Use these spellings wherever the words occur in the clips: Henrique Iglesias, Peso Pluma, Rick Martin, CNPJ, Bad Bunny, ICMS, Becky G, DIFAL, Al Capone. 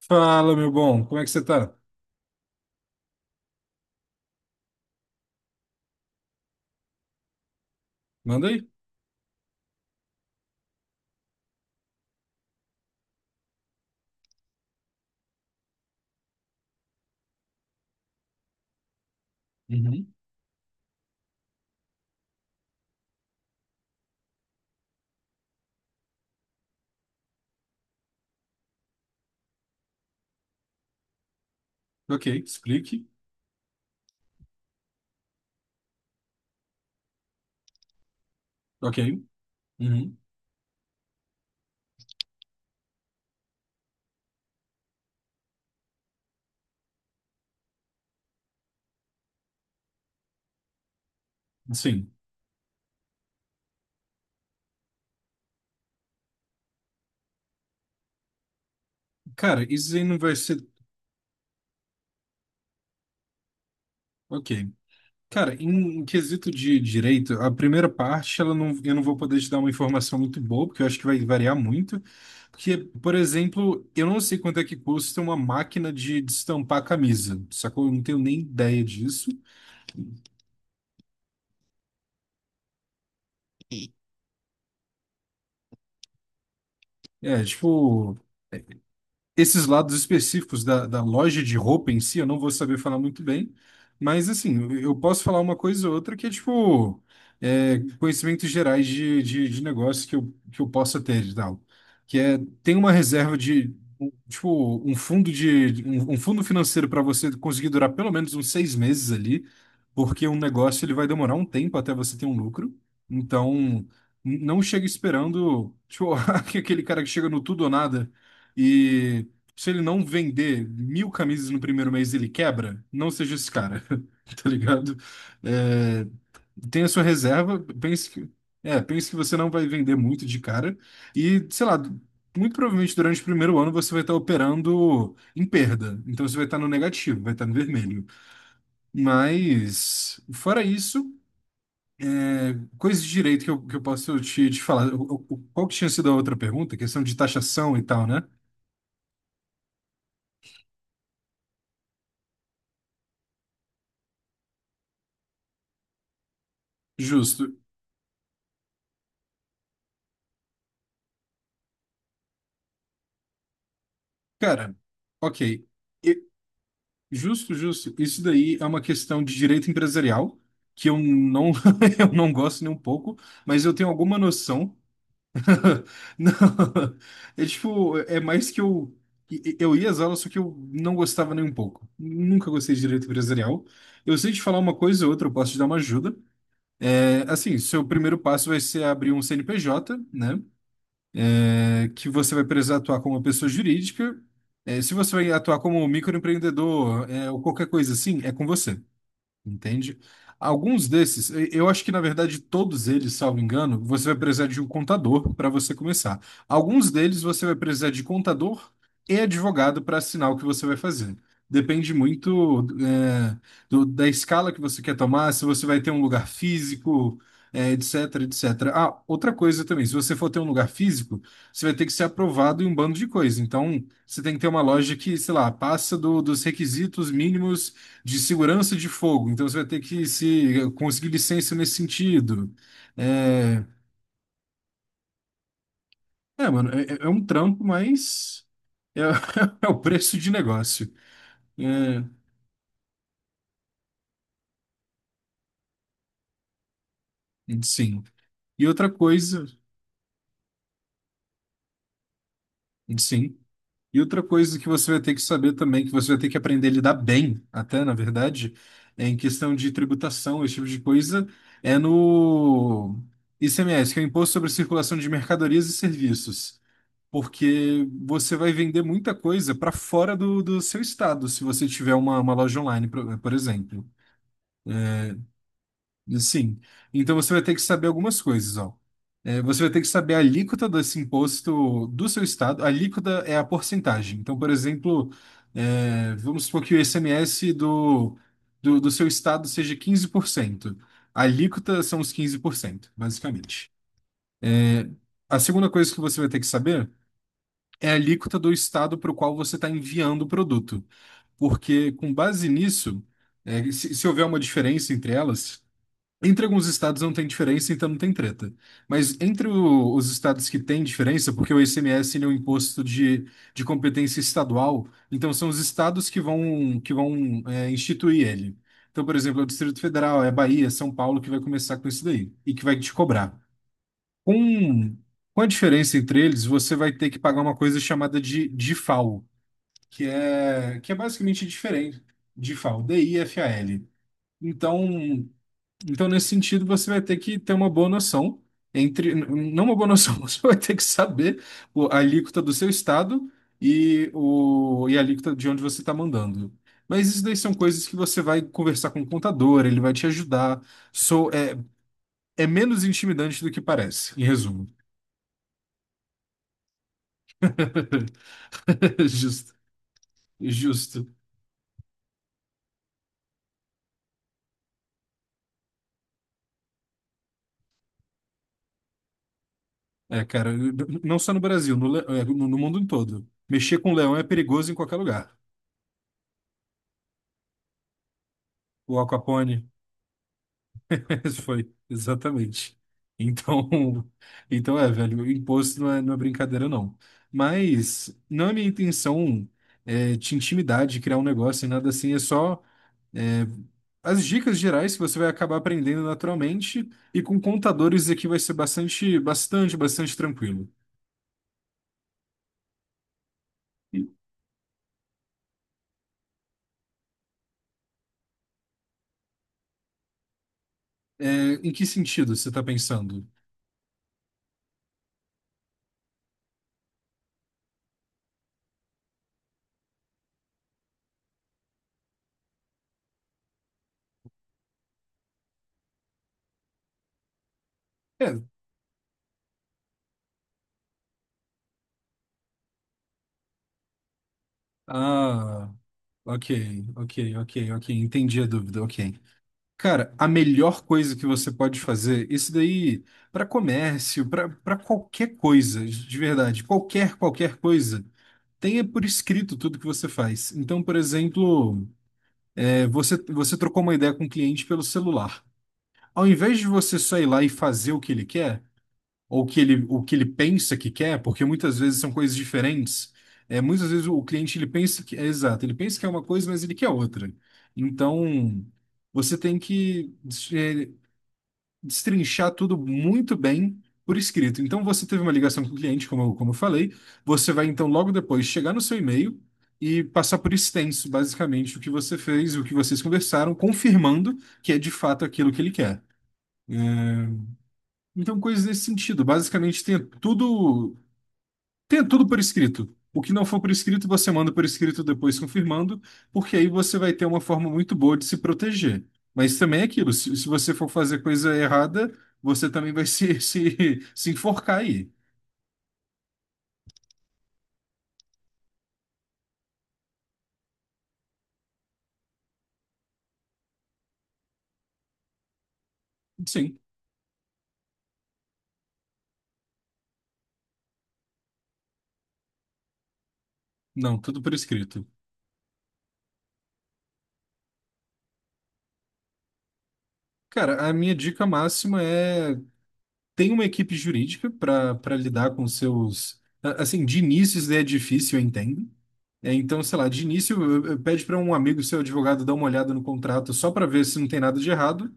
Fala, meu bom, como é que você tá? Manda aí. Uhum. Ok, explique. Ok. Uhum. Sim. Cara, isso aí não vai ser. Ok. Cara, em quesito de direito, a primeira parte, ela não, eu não vou poder te dar uma informação muito boa, porque eu acho que vai variar muito. Porque, por exemplo, eu não sei quanto é que custa uma máquina de estampar camisa, sacou? Eu não tenho nem ideia disso. É, tipo. Esses lados específicos da loja de roupa em si, eu não vou saber falar muito bem, mas assim, eu posso falar uma coisa ou outra que é tipo conhecimentos gerais de negócio que eu possa ter e tal. Que é, tem uma reserva de tipo um fundo de um fundo financeiro para você conseguir durar pelo menos uns 6 meses ali, porque um negócio ele vai demorar um tempo até você ter um lucro. Então, não chega esperando, tipo, aquele cara que chega no tudo ou nada se ele não vender 1.000 camisas no primeiro mês, ele quebra, não seja esse cara, tá ligado? É, tenha sua reserva, pense que você não vai vender muito de cara e, sei lá, muito provavelmente durante o primeiro ano você vai estar operando em perda, então você vai estar no negativo, vai estar no vermelho. Mas, fora isso, coisa de direito que eu posso te falar. Qual que tinha sido a outra pergunta? Questão de taxação e tal, né? Justo. Cara, ok. Justo, justo. Isso daí é uma questão de direito empresarial, que eu não, eu não gosto nem um pouco, mas eu tenho alguma noção. Não, é tipo, é mais que eu. Eu ia às aulas, só que eu não gostava nem um pouco. Nunca gostei de direito empresarial. Eu sei te falar uma coisa ou outra, eu posso te dar uma ajuda. É, assim, seu primeiro passo vai ser abrir um CNPJ, né? Que você vai precisar atuar como uma pessoa jurídica. Se você vai atuar como um microempreendedor, ou qualquer coisa assim, é com você. Entende? Alguns desses, eu acho que na verdade todos eles, salvo engano, você vai precisar de um contador para você começar. Alguns deles você vai precisar de contador e advogado para assinar o que você vai fazer. Depende muito, da escala que você quer tomar, se você vai ter um lugar físico, etc, etc. Ah, outra coisa também, se você for ter um lugar físico, você vai ter que ser aprovado em um bando de coisa. Então, você tem que ter uma loja que, sei lá, passa dos requisitos mínimos de segurança de fogo, então você vai ter que se conseguir licença nesse sentido. É, é, mano, é um trampo, mas é, é o preço de negócio. É, sim. E outra coisa, sim. E outra coisa que você vai ter que saber também, que você vai ter que aprender a lidar bem, até na verdade, é em questão de tributação, esse tipo de coisa, é no ICMS, que é o Imposto sobre Circulação de Mercadorias e Serviços. Porque você vai vender muita coisa para fora do seu estado, se você tiver uma loja online, por exemplo. E, sim. Então você vai ter que saber algumas coisas, ó. É, você vai ter que saber a alíquota desse imposto do seu estado. A alíquota é a porcentagem. Então, por exemplo, vamos supor que o ICMS do seu estado seja 15%. A alíquota são os 15%, basicamente. A segunda coisa que você vai ter que saber é a alíquota do estado para o qual você está enviando o produto. Porque com base nisso, se houver uma diferença entre elas, entre alguns estados não tem diferença, então não tem treta. Mas entre os estados que tem diferença, porque o ICMS ele é um imposto de competência estadual, então são os estados que vão, que vão instituir ele. Então, por exemplo, é o Distrito Federal, é Bahia, São Paulo que vai começar com isso daí e que vai te cobrar. Com, com a diferença entre eles, você vai ter que pagar uma coisa chamada de DIFAL, que é basicamente diferente de FAL, DIFAL. Então, então, nesse sentido, você vai ter que ter uma boa noção, entre, não uma boa noção, você vai ter que saber a alíquota do seu estado e a alíquota de onde você está mandando. Mas isso daí são coisas que você vai conversar com o contador, ele vai te ajudar. Sou, é, é menos intimidante do que parece, em resumo. Justo, justo. É, cara, não só no Brasil, no mundo em todo. Mexer com leão é perigoso em qualquer lugar. O Al Capone, esse foi, exatamente. Então, então é, velho, o imposto não é, não é brincadeira, não. Mas não é minha intenção te intimidar, de criar um negócio e nada assim, é só é, as dicas gerais que você vai acabar aprendendo naturalmente e com contadores aqui vai ser bastante, bastante, bastante tranquilo. É, em que sentido você está pensando? É, ah, ok, ok, ok, ok. Entendi a dúvida, ok. Cara, a melhor coisa que você pode fazer, isso daí, para comércio, para qualquer coisa, de verdade, qualquer coisa, tenha por escrito tudo que você faz. Então, por exemplo, você trocou uma ideia com o cliente pelo celular. Ao invés de você só ir lá e fazer o que ele quer, ou que ele, o que ele pensa que quer, porque muitas vezes são coisas diferentes. É, muitas vezes o cliente ele pensa que é exato, ele pensa que é uma coisa, mas ele quer outra. Então, você tem que destrinchar tudo muito bem por escrito. Então, você teve uma ligação com o cliente, como, como eu falei, você vai então logo depois chegar no seu e-mail e passar por extenso, basicamente, o que você fez, o que vocês conversaram, confirmando que é de fato aquilo que ele quer. Então, coisas nesse sentido. Basicamente, tem tudo por escrito. O que não for por escrito, você manda por escrito depois confirmando, porque aí você vai ter uma forma muito boa de se proteger. Mas também é aquilo, se você for fazer coisa errada, você também vai se, se enforcar aí. Sim, não, tudo por escrito. Cara, a minha dica máxima é tem uma equipe jurídica para lidar com seus. Assim, de início isso daí é difícil, eu entendo. É, então, sei lá, de início, pede para um amigo seu advogado dar uma olhada no contrato só para ver se não tem nada de errado,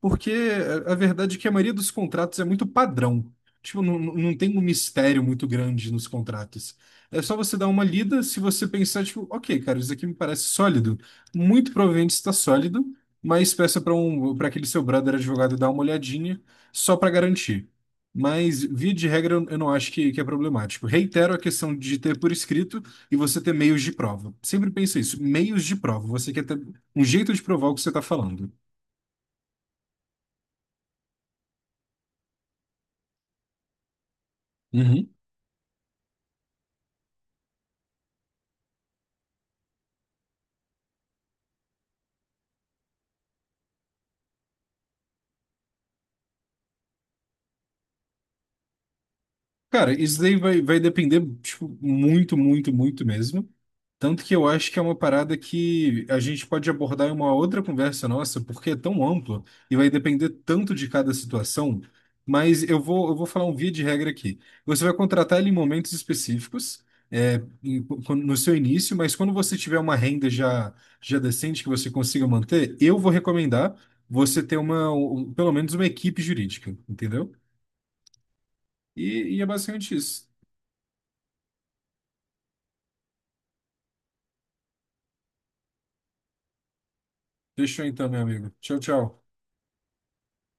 porque a verdade é que a maioria dos contratos é muito padrão. Tipo, não, não tem um mistério muito grande nos contratos. É só você dar uma lida, se você pensar, tipo, ok, cara, isso aqui me parece sólido. Muito provavelmente está sólido, mas peça para aquele seu brother advogado dar uma olhadinha só para garantir. Mas, via de regra, eu não acho que é problemático. Reitero a questão de ter por escrito e você ter meios de prova. Sempre pensa isso, meios de prova. Você quer ter um jeito de provar o que você está falando. Uhum. Cara, isso daí vai depender, tipo, muito, muito, muito mesmo. Tanto que eu acho que é uma parada que a gente pode abordar em uma outra conversa nossa, porque é tão amplo e vai depender tanto de cada situação. Mas eu vou falar um via de regra aqui. Você vai contratar ele em momentos específicos, é, no seu início, mas quando você tiver uma renda já, decente que você consiga manter, eu vou recomendar você ter pelo menos uma equipe jurídica, entendeu? E é basicamente isso. Fechou então, meu amigo. Tchau, tchau.